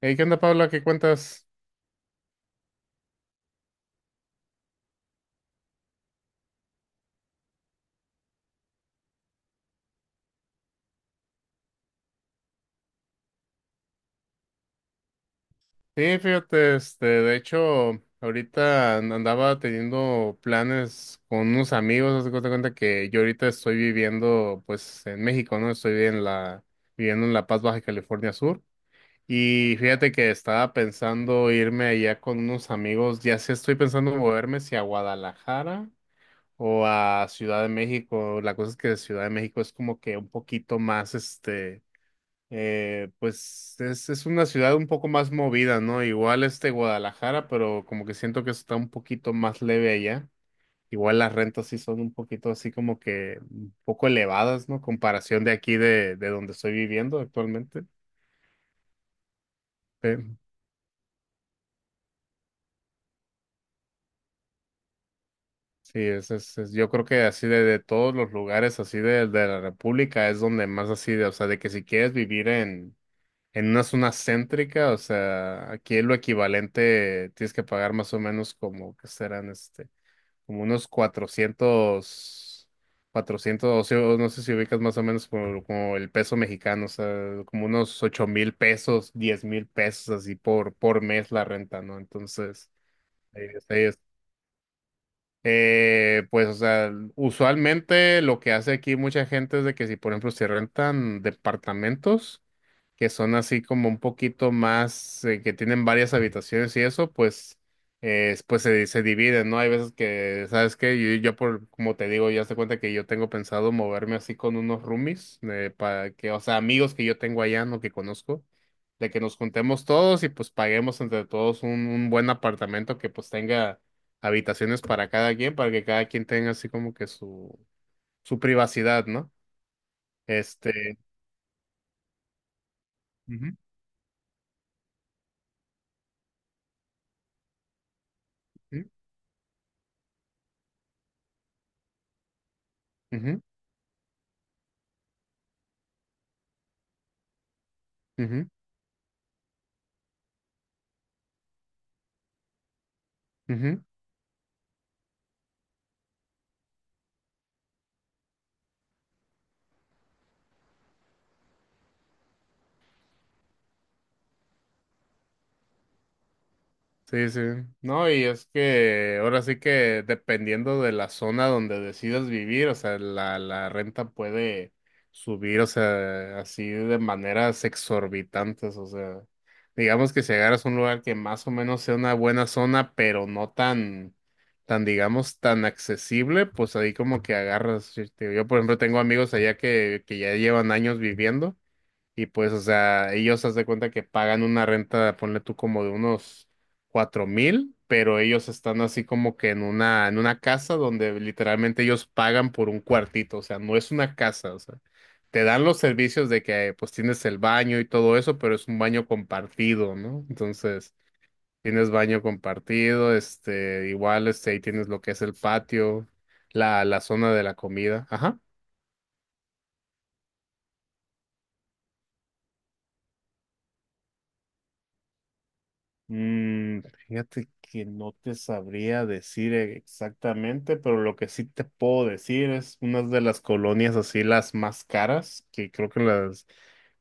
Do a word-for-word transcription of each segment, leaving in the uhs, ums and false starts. Hey, ¿qué onda, Paula? ¿Qué cuentas? Sí, fíjate, este, de hecho, ahorita an- andaba teniendo planes con unos amigos, haz de cuenta cuenta que yo ahorita estoy viviendo, pues, en México, ¿no? Estoy en la, viviendo en La Paz, Baja California Sur, y fíjate que estaba pensando irme allá con unos amigos, ya sé, estoy pensando moverme si a Guadalajara o a Ciudad de México. La cosa es que Ciudad de México es como que un poquito más, este Eh, pues es, es una ciudad un poco más movida, ¿no? Igual este Guadalajara, pero como que siento que está un poquito más leve allá. Igual las rentas sí son un poquito así como que un poco elevadas, ¿no? Comparación de aquí de, de donde estoy viviendo actualmente. Eh, Sí, es, es, es- yo creo que así de, de todos los lugares así de, de la República es donde más así de, o sea, de que si quieres vivir en, en una zona céntrica, o sea, aquí es lo equivalente. Tienes que pagar más o menos como que serán este. Como unos cuatrocientos cuatrocientos, no sé si ubicas más o menos como, como el peso mexicano, o sea, como unos ocho mil pesos, diez mil pesos así por, por mes la renta, ¿no? Entonces, ahí, eh, pues, o sea, usualmente lo que hace aquí mucha gente es de que si, por ejemplo, se rentan departamentos que son así como un poquito más, eh, que tienen varias habitaciones y eso, pues, eh, pues se, se dividen, ¿no? Hay veces que, ¿sabes qué? Yo, yo por, como te digo, ya se cuenta que yo tengo pensado moverme así con unos roomies, eh, para que, o sea, amigos que yo tengo allá, no que conozco, de que nos juntemos todos y pues paguemos entre todos un, un buen apartamento que pues tenga habitaciones para cada quien, para que cada quien tenga así como que su, su privacidad, ¿no? Este. Ujú, ujú, ujú, ujú, ujú. Sí, sí. No, y es que ahora sí que dependiendo de la zona donde decidas vivir, o sea, la, la renta puede subir, o sea, así de maneras exorbitantes. O sea, digamos que si agarras un lugar que más o menos sea una buena zona, pero no tan, tan, digamos, tan accesible, pues ahí como que agarras, yo, te- yo, por ejemplo tengo amigos allá que, que ya llevan años viviendo. Y pues, o sea, ellos haz de cuenta que pagan una renta, ponle tú como de unos cuatro mil, pero ellos están así como que en una, en una casa donde literalmente ellos pagan por un cuartito, o sea, no es una casa, o sea, te dan los servicios de que pues tienes el baño y todo eso, pero es un baño compartido, ¿no? Entonces, tienes baño compartido, este, igual, este, ahí tienes lo que es el patio, la, la zona de la comida, ajá. Mm, fíjate que no te sabría decir e-, exactamente, pero lo que sí te puedo decir es una de las colonias así las más caras, que creo que las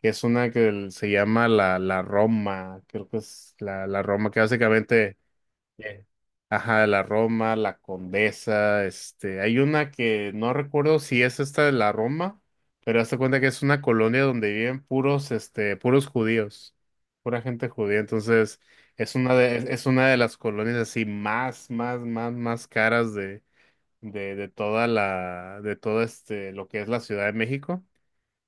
que es una que el- se llama la, la Roma. Creo que es la, la Roma, que básicamente bien. Ajá, la Roma, la Condesa, este, hay una que no recuerdo si es esta de la Roma, pero hazte cuenta que es una colonia donde viven puros, este, puros judíos, pura gente judía. Entonces es una de, es es una de las colonias así más, más, más, más caras de, de, de toda la, de todo este, lo que es la Ciudad de México.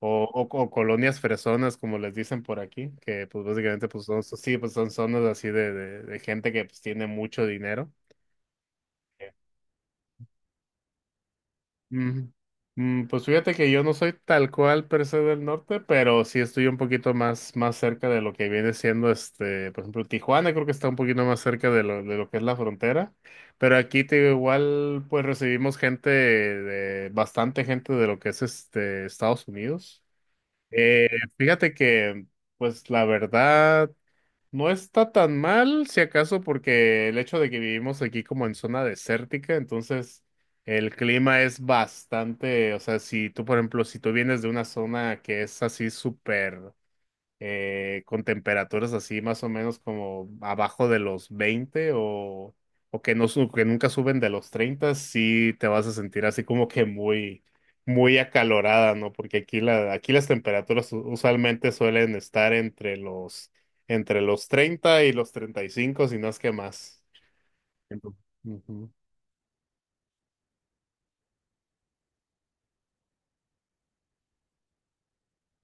O, o, o colonias fresonas, como les dicen por aquí, que pues básicamente pues son, sí, pues son zonas así de, de, de gente que pues tiene mucho dinero. Ujú. Mm, pues fíjate que yo no soy tal cual per se del norte, pero sí estoy un poquito más, más cerca de lo que viene siendo este, por ejemplo, Tijuana creo que está un poquito más cerca de lo, de lo que es la frontera, pero aquí te digo, igual pues recibimos gente de, bastante gente de lo que es este Estados Unidos. Eh, fíjate que, pues la verdad, no está tan mal, si acaso, porque el hecho de que vivimos aquí como en zona desértica. Entonces el clima es bastante, o sea, si tú, por ejemplo, si tú vienes de una zona que es así súper eh, con temperaturas así más o menos como abajo de los veinte o, o que, no, su- que nunca suben de los treinta, sí te vas a sentir así como que muy, muy acalorada, ¿no? Porque aquí, la, aquí las temperaturas u- usualmente suelen estar entre los, entre los treinta y los treinta y cinco, si no es que más. Ento- Ujú,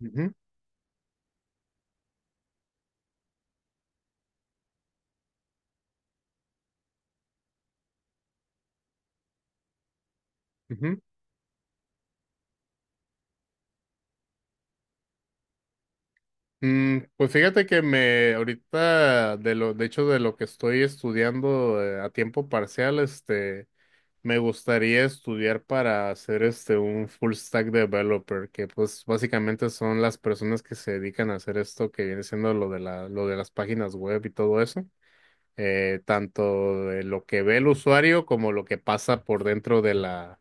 ujú, ujú. Mm, pues fíjate que me ahorita de lo de hecho de lo que estoy estudiando eh, a tiempo parcial este me gustaría estudiar para ser este un full stack developer, que pues básicamente son las personas que se dedican a hacer esto que viene siendo lo de la, lo de las páginas web y todo eso. Eh, tanto de lo que ve el usuario como lo que pasa por dentro de la,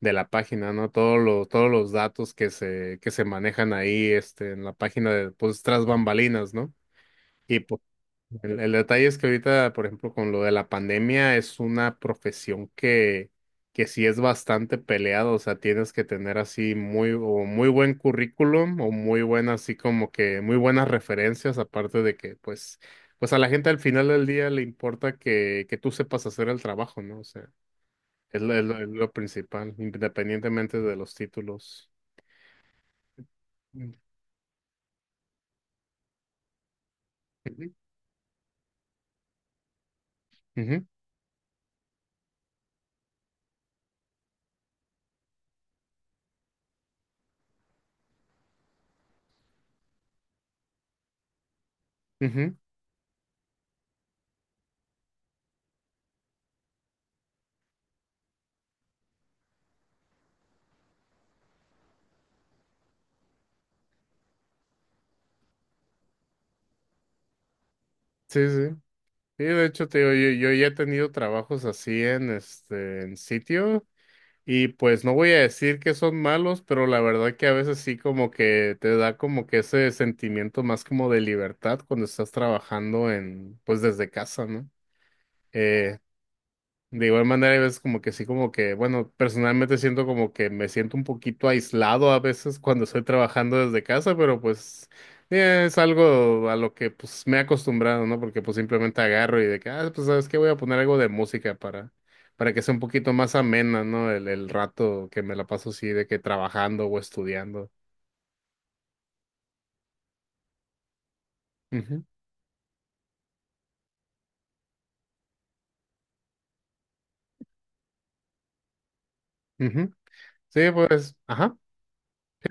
de la página, ¿no? Todos los, todos los datos que se, que se manejan ahí, este, en la página de, pues, tras bambalinas, ¿no? El, el detalle es que ahorita, por ejemplo, con lo de la pandemia, es una profesión que, que sí es bastante peleada, o sea, tienes que tener así muy, o muy buen currículum o muy buena, así como que muy buenas referencias, aparte de que, pues, pues a la gente al final del día le importa que, que tú sepas hacer el trabajo, ¿no? O sea, es lo, es lo, es lo principal, independientemente de los títulos. Mm. Ujú, ujú, ujú. Sí, sí. Sí, de hecho, te digo, yo, yo ya he tenido trabajos así en este en sitio y pues no voy a decir que son malos, pero la verdad que a veces sí como que te da como que ese sentimiento más como de libertad cuando estás trabajando en pues desde casa, ¿no? Eh, de igual manera, hay veces como que sí, como que, bueno, personalmente siento como que me siento un poquito aislado a veces cuando estoy trabajando desde casa, pero pues eh, es algo a lo que pues me he acostumbrado, ¿no? Porque pues simplemente agarro y de que, ah, pues sabes qué, voy a poner algo de música para, para que sea un poquito más amena, ¿no? El, el rato que me la paso así de que trabajando o estudiando. Ujú, ujú. Sí, pues, ajá. Sí,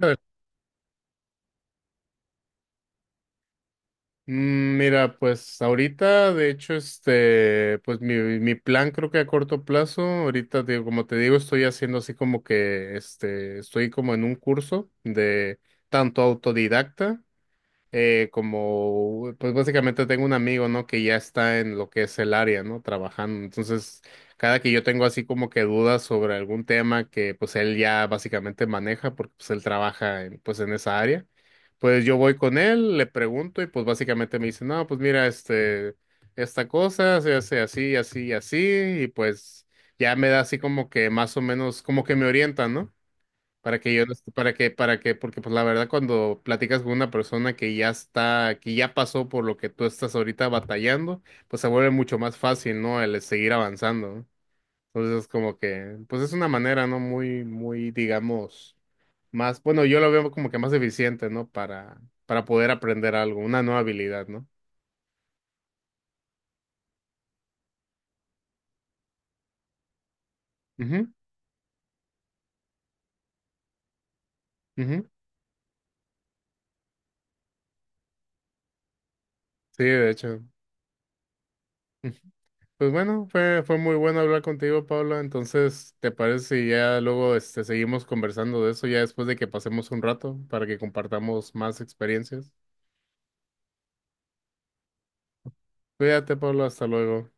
mm, mira, pues ahorita, de hecho, este, pues mi, mi plan creo que a corto plazo, ahorita, digo, como te digo, estoy haciendo así como que, este, estoy como en un curso de tanto autodidacta eh, como, pues básicamente tengo un amigo, ¿no? Que ya está en lo que es el área, ¿no? Trabajando. Entonces, cada que yo tengo así como que dudas sobre algún tema que pues él ya básicamente maneja, porque pues él trabaja en, pues en esa área, pues yo voy con él, le pregunto y pues básicamente me dice, no, pues mira, este, esta cosa se hace así, así, y así, y pues ya me da así como que más o menos, como que me orienta, ¿no? Para que yo no est- para que, para que, porque pues la verdad cuando platicas con una persona que ya está, que ya pasó por lo que tú estás ahorita batallando, pues se vuelve mucho más fácil, ¿no? El seguir avanzando, ¿no? Entonces como que, pues es una manera, ¿no? Muy, muy, digamos, más, bueno, yo lo veo como que más eficiente, ¿no? Para, para poder aprender algo, una nueva habilidad, ¿no? Ujú, ujú. Sí, de hecho. Pues bueno, fue, fue muy bueno hablar contigo, Paula. Entonces, ¿te parece si ya luego este, seguimos conversando de eso ya después de que pasemos un rato para que compartamos más experiencias? Cuídate, Paula, hasta luego.